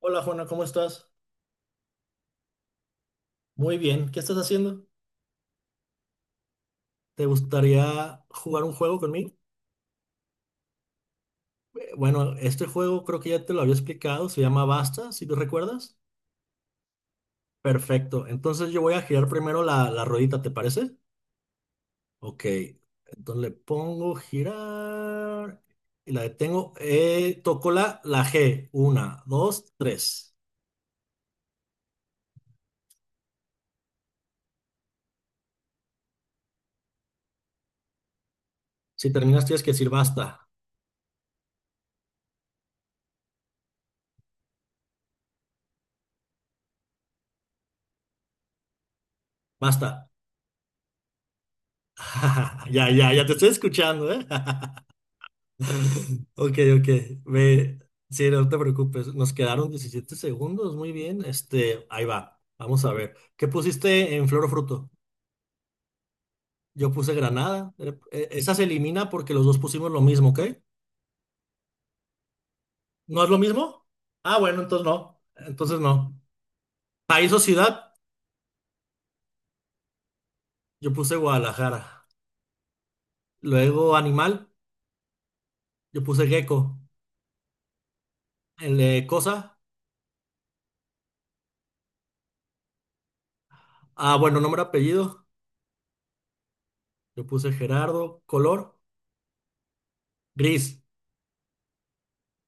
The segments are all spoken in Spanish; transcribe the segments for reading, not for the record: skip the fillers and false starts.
Hola Juana, ¿cómo estás? Muy bien, ¿qué estás haciendo? ¿Te gustaría jugar un juego conmigo? Bueno, este juego creo que ya te lo había explicado, se llama Basta, si tú recuerdas. Perfecto, entonces yo voy a girar primero la ruedita, ¿te parece? Ok, entonces le pongo girar y la detengo. Toco la G, una, dos, tres. Si terminas tienes que decir basta, basta. Ya, ya, ya te estoy escuchando, ¿eh? Ok, ok. Ve, sí, no te preocupes. Nos quedaron 17 segundos. Muy bien. Este, ahí va. Vamos a ver. ¿Qué pusiste en flor o fruto? Yo puse granada. Esa se elimina porque los dos pusimos lo mismo, ¿ok? ¿No es lo mismo? Ah, bueno, entonces no. Entonces no. País o ciudad, yo puse Guadalajara. Luego animal, yo puse gecko. El de cosa, ah, bueno, nombre, apellido, yo puse Gerardo. Color, gris.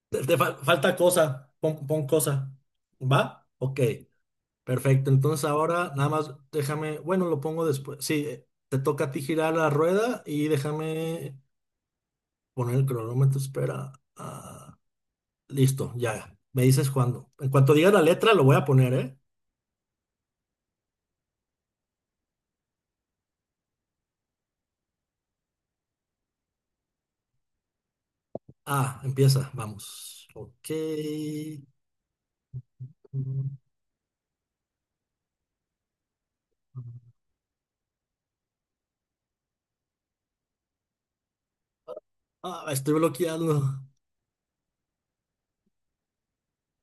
Te falta cosa, pon, pon cosa. ¿Va? Ok, perfecto. Entonces ahora nada más déjame, bueno, lo pongo después. Sí, te toca a ti girar la rueda y déjame poner el cronómetro. Espera. Ah, listo, ya. Me dices cuándo. En cuanto diga la letra, lo voy a poner, ¿eh? Ah, empieza, vamos. Ok. Ah, me estoy bloqueando.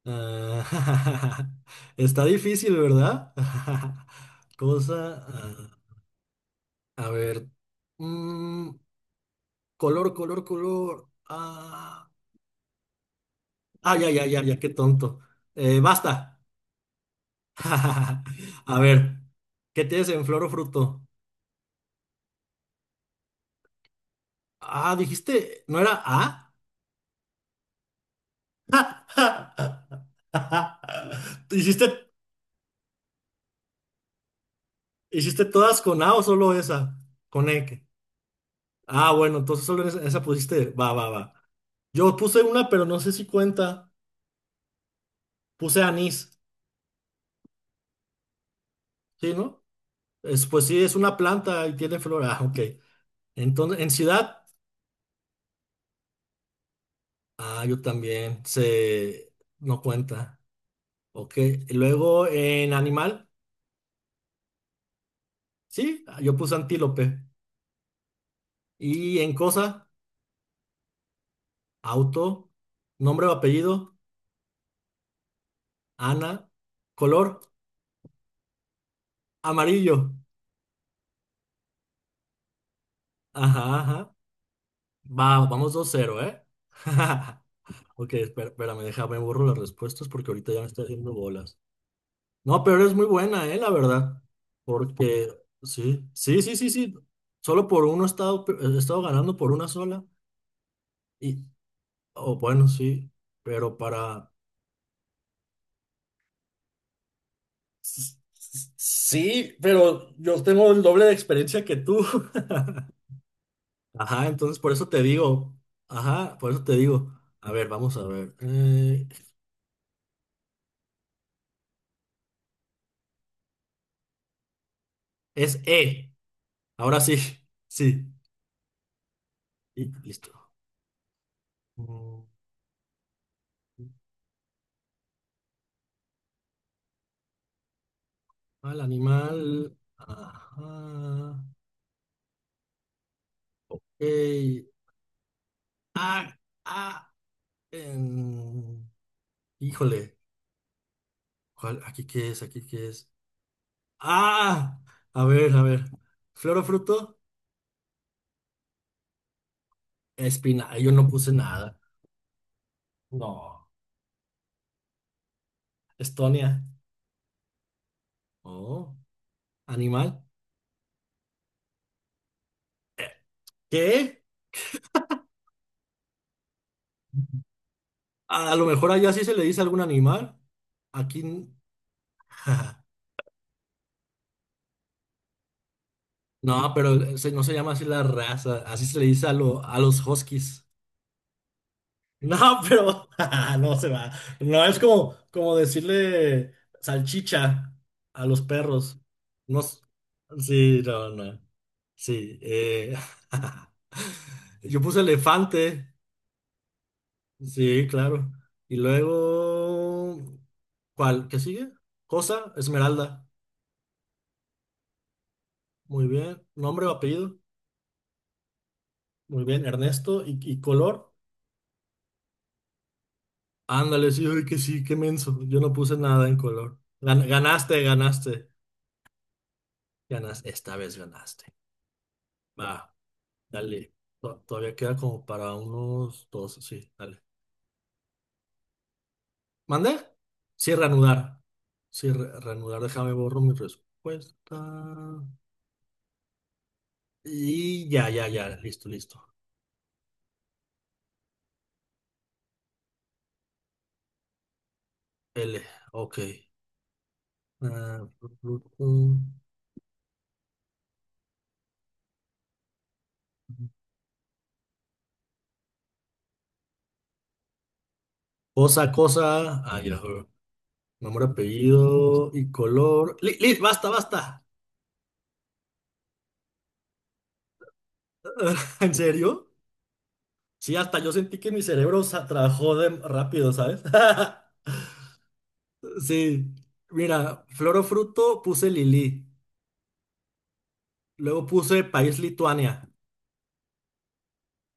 Ah, está difícil, ¿verdad? Cosa. Ah. A ver. mm, color, color, color. Ah, ah, ya, ya, ya, ya, qué tonto. Basta. A ver. ¿Qué tienes en flor o fruto? Ah, dijiste, ¿no era A? ¿Tú ¿Hiciste, hiciste todas con A o solo esa? Con E. Ah, bueno, entonces solo esa, esa pusiste. Va, va, va. Yo puse una, pero no sé si cuenta. Puse anís, ¿sí, no? Es, pues sí, es una planta y tiene flor. Ah, ok. Entonces, en ciudad, ah, yo también, no cuenta, ok. Y luego en animal, sí, ah, yo puse antílope. Y en cosa, auto, nombre o apellido, Ana, color, amarillo. Ajá, ajá. Va, vamos 2-0, ¿eh? Ok, espera, espérame, déjame borro las respuestas porque ahorita ya me está haciendo bolas. No, pero es muy buena, la verdad. Porque sí, sí, sí, sí, sí. Solo por uno he estado, he estado ganando por una sola. Y, o bueno, sí. Pero para. S- Sí, pero yo tengo el doble de experiencia que tú. Ajá, entonces por eso te digo. Ajá, por eso te digo. A ver, vamos a ver. Es E. Ahora sí. Sí. Y listo. Mm, Al animal. Ajá. Ok. Ah, ah, em, híjole, aquí qué es, aquí qué es. Ah, a ver, a ver. Flor o fruto, espina. Ay, yo no puse nada. No. Estonia. Oh, animal. Eh, ¿Qué? A lo mejor allá sí se le dice algún animal. Aquí. No, pero no se llama así la raza. Así se le dice a los huskies. No, pero no se va. No es como, decirle salchicha a los perros. No, sí, no, no. Sí. Yo puse elefante. Sí, claro. Y luego, ¿cuál? ¿Qué sigue? Cosa, Esmeralda. Muy bien. Nombre o apellido. Muy bien. Ernesto. ¿Y color? Ándale, sí, ay, que sí, qué menso. Yo no puse nada en color. Ganaste, ganaste. Ganas, esta vez ganaste. Va, dale. Todavía queda como para unos dos, sí, dale. ¿Mande? Sí, reanudar. Sí, reanudar, déjame borro mi respuesta. Y ya, ya, ya, listo, listo. L, ok. Ah, cosa, cosa. Ah, ya, Nombre, apellido y color. Basta, basta. ¿En serio? Sí, hasta yo sentí que mi cerebro trabajó de rápido, ¿sabes? Sí, mira, flor o fruto puse Lili, luego puse país Lituania,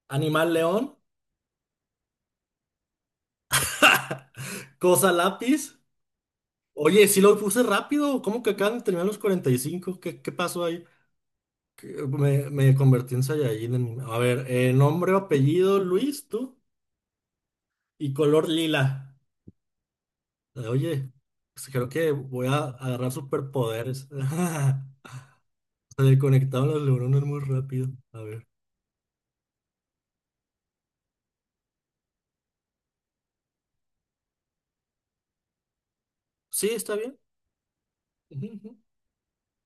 animal león, cosa lápiz. Oye, sí lo puse rápido, ¿cómo que acaban de terminar los 45? ¿Qué pasó ahí? Que me convertí en Saiyajin. A ver, nombre o apellido Luis, tú, y color lila. Oye, pues creo que voy a agarrar superpoderes. Se le conectaron los neuronas muy rápido. A ver. Sí, está bien.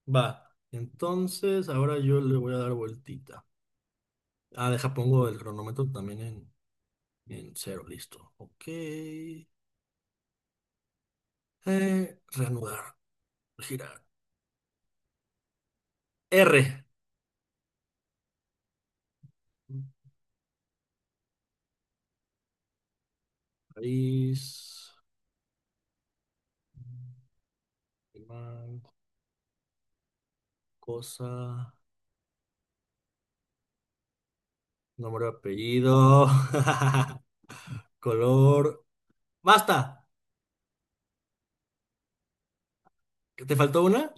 Va. Entonces, ahora yo le voy a dar vueltita. Ah, deja, pongo el cronómetro también en cero. Listo. Ok. Reanudar. Girar. R. País. Animal, cosa. Nombre, apellido. Color. ¡Basta! ¿Que ¿Te faltó una?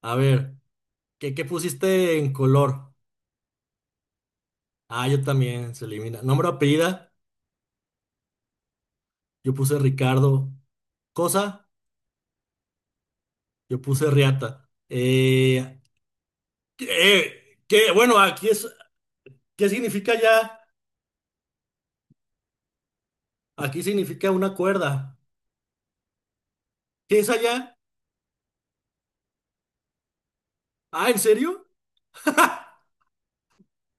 A ver. ¿Qué pusiste en color? Ah, yo también. Se elimina. Nombre, apellido. Yo puse Ricardo. Cosa. Yo puse riata. ¿Qué? Bueno, aquí es, ¿qué significa allá? Aquí significa una cuerda. ¿Qué es allá? Ah, ¿en serio?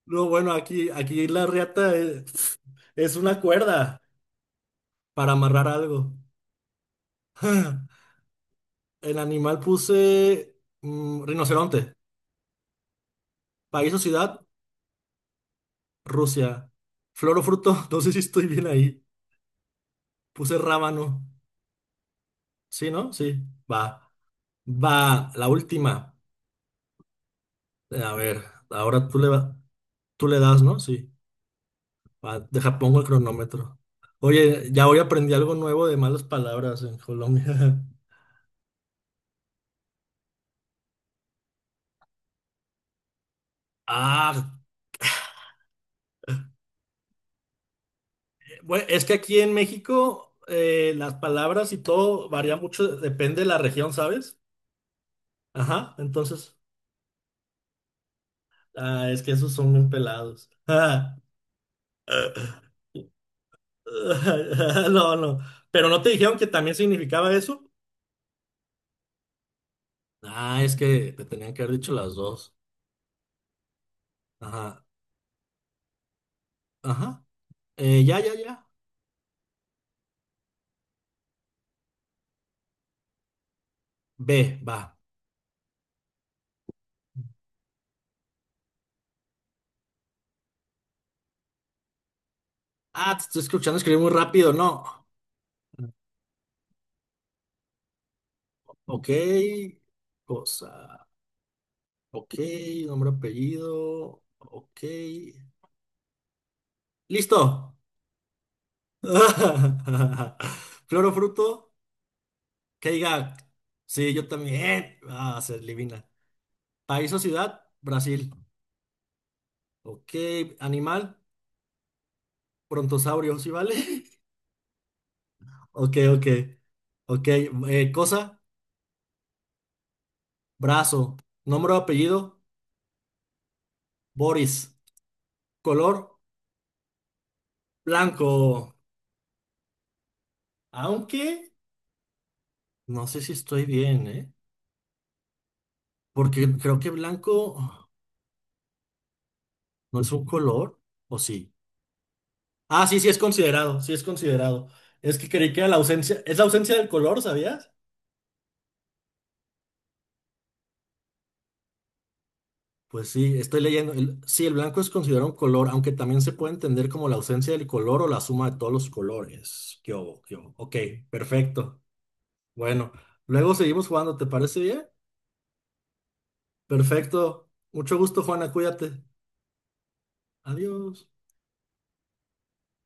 No, bueno, aquí la riata es, una cuerda para amarrar algo. El animal puse rinoceronte. País o ciudad, Rusia. Flor o fruto, no sé si estoy bien ahí. Puse rábano. ¿Sí, no? Sí. Va. Va, la última. A ver, ahora tú le vas. Tú le das, ¿no? Sí. Va, deja, pongo el cronómetro. Oye, ya hoy aprendí algo nuevo de malas palabras en Colombia. Ah, bueno, es que aquí en México las palabras y todo varía mucho, depende de la región, ¿sabes? Ajá, entonces, ah, es que esos son bien pelados. Ah, no, no, pero no te dijeron que también significaba eso. Ah, es que te tenían que haber dicho las dos. Ajá, ajá. Ya, ya, ya. Ve, va. Ah, te estoy escuchando escribir muy rápido, no. Ok, cosa. Ok, nombre, apellido. Ok. ¡Listo! Flor o fruto, que diga. Sí, yo también. Ah, se adivina. País o ciudad, Brasil. Ok, animal, brontosaurio, ¿sí vale? Ok, ok. Ok, cosa, brazo. Nombre o apellido, Boris. Color, blanco. Aunque. No sé si estoy bien, ¿eh? Porque creo que blanco no es un color, ¿o sí? Ah, sí, sí es considerado, sí es considerado. Es que creí que era la ausencia, es la ausencia del color, ¿sabías? Pues sí, estoy leyendo. Sí, el blanco es considerado un color, aunque también se puede entender como la ausencia del color o la suma de todos los colores. ¿Qué hubo? ¿Qué hubo? Ok, perfecto. Bueno, luego seguimos jugando, ¿te parece bien? Perfecto. Mucho gusto, Juana, cuídate. Adiós.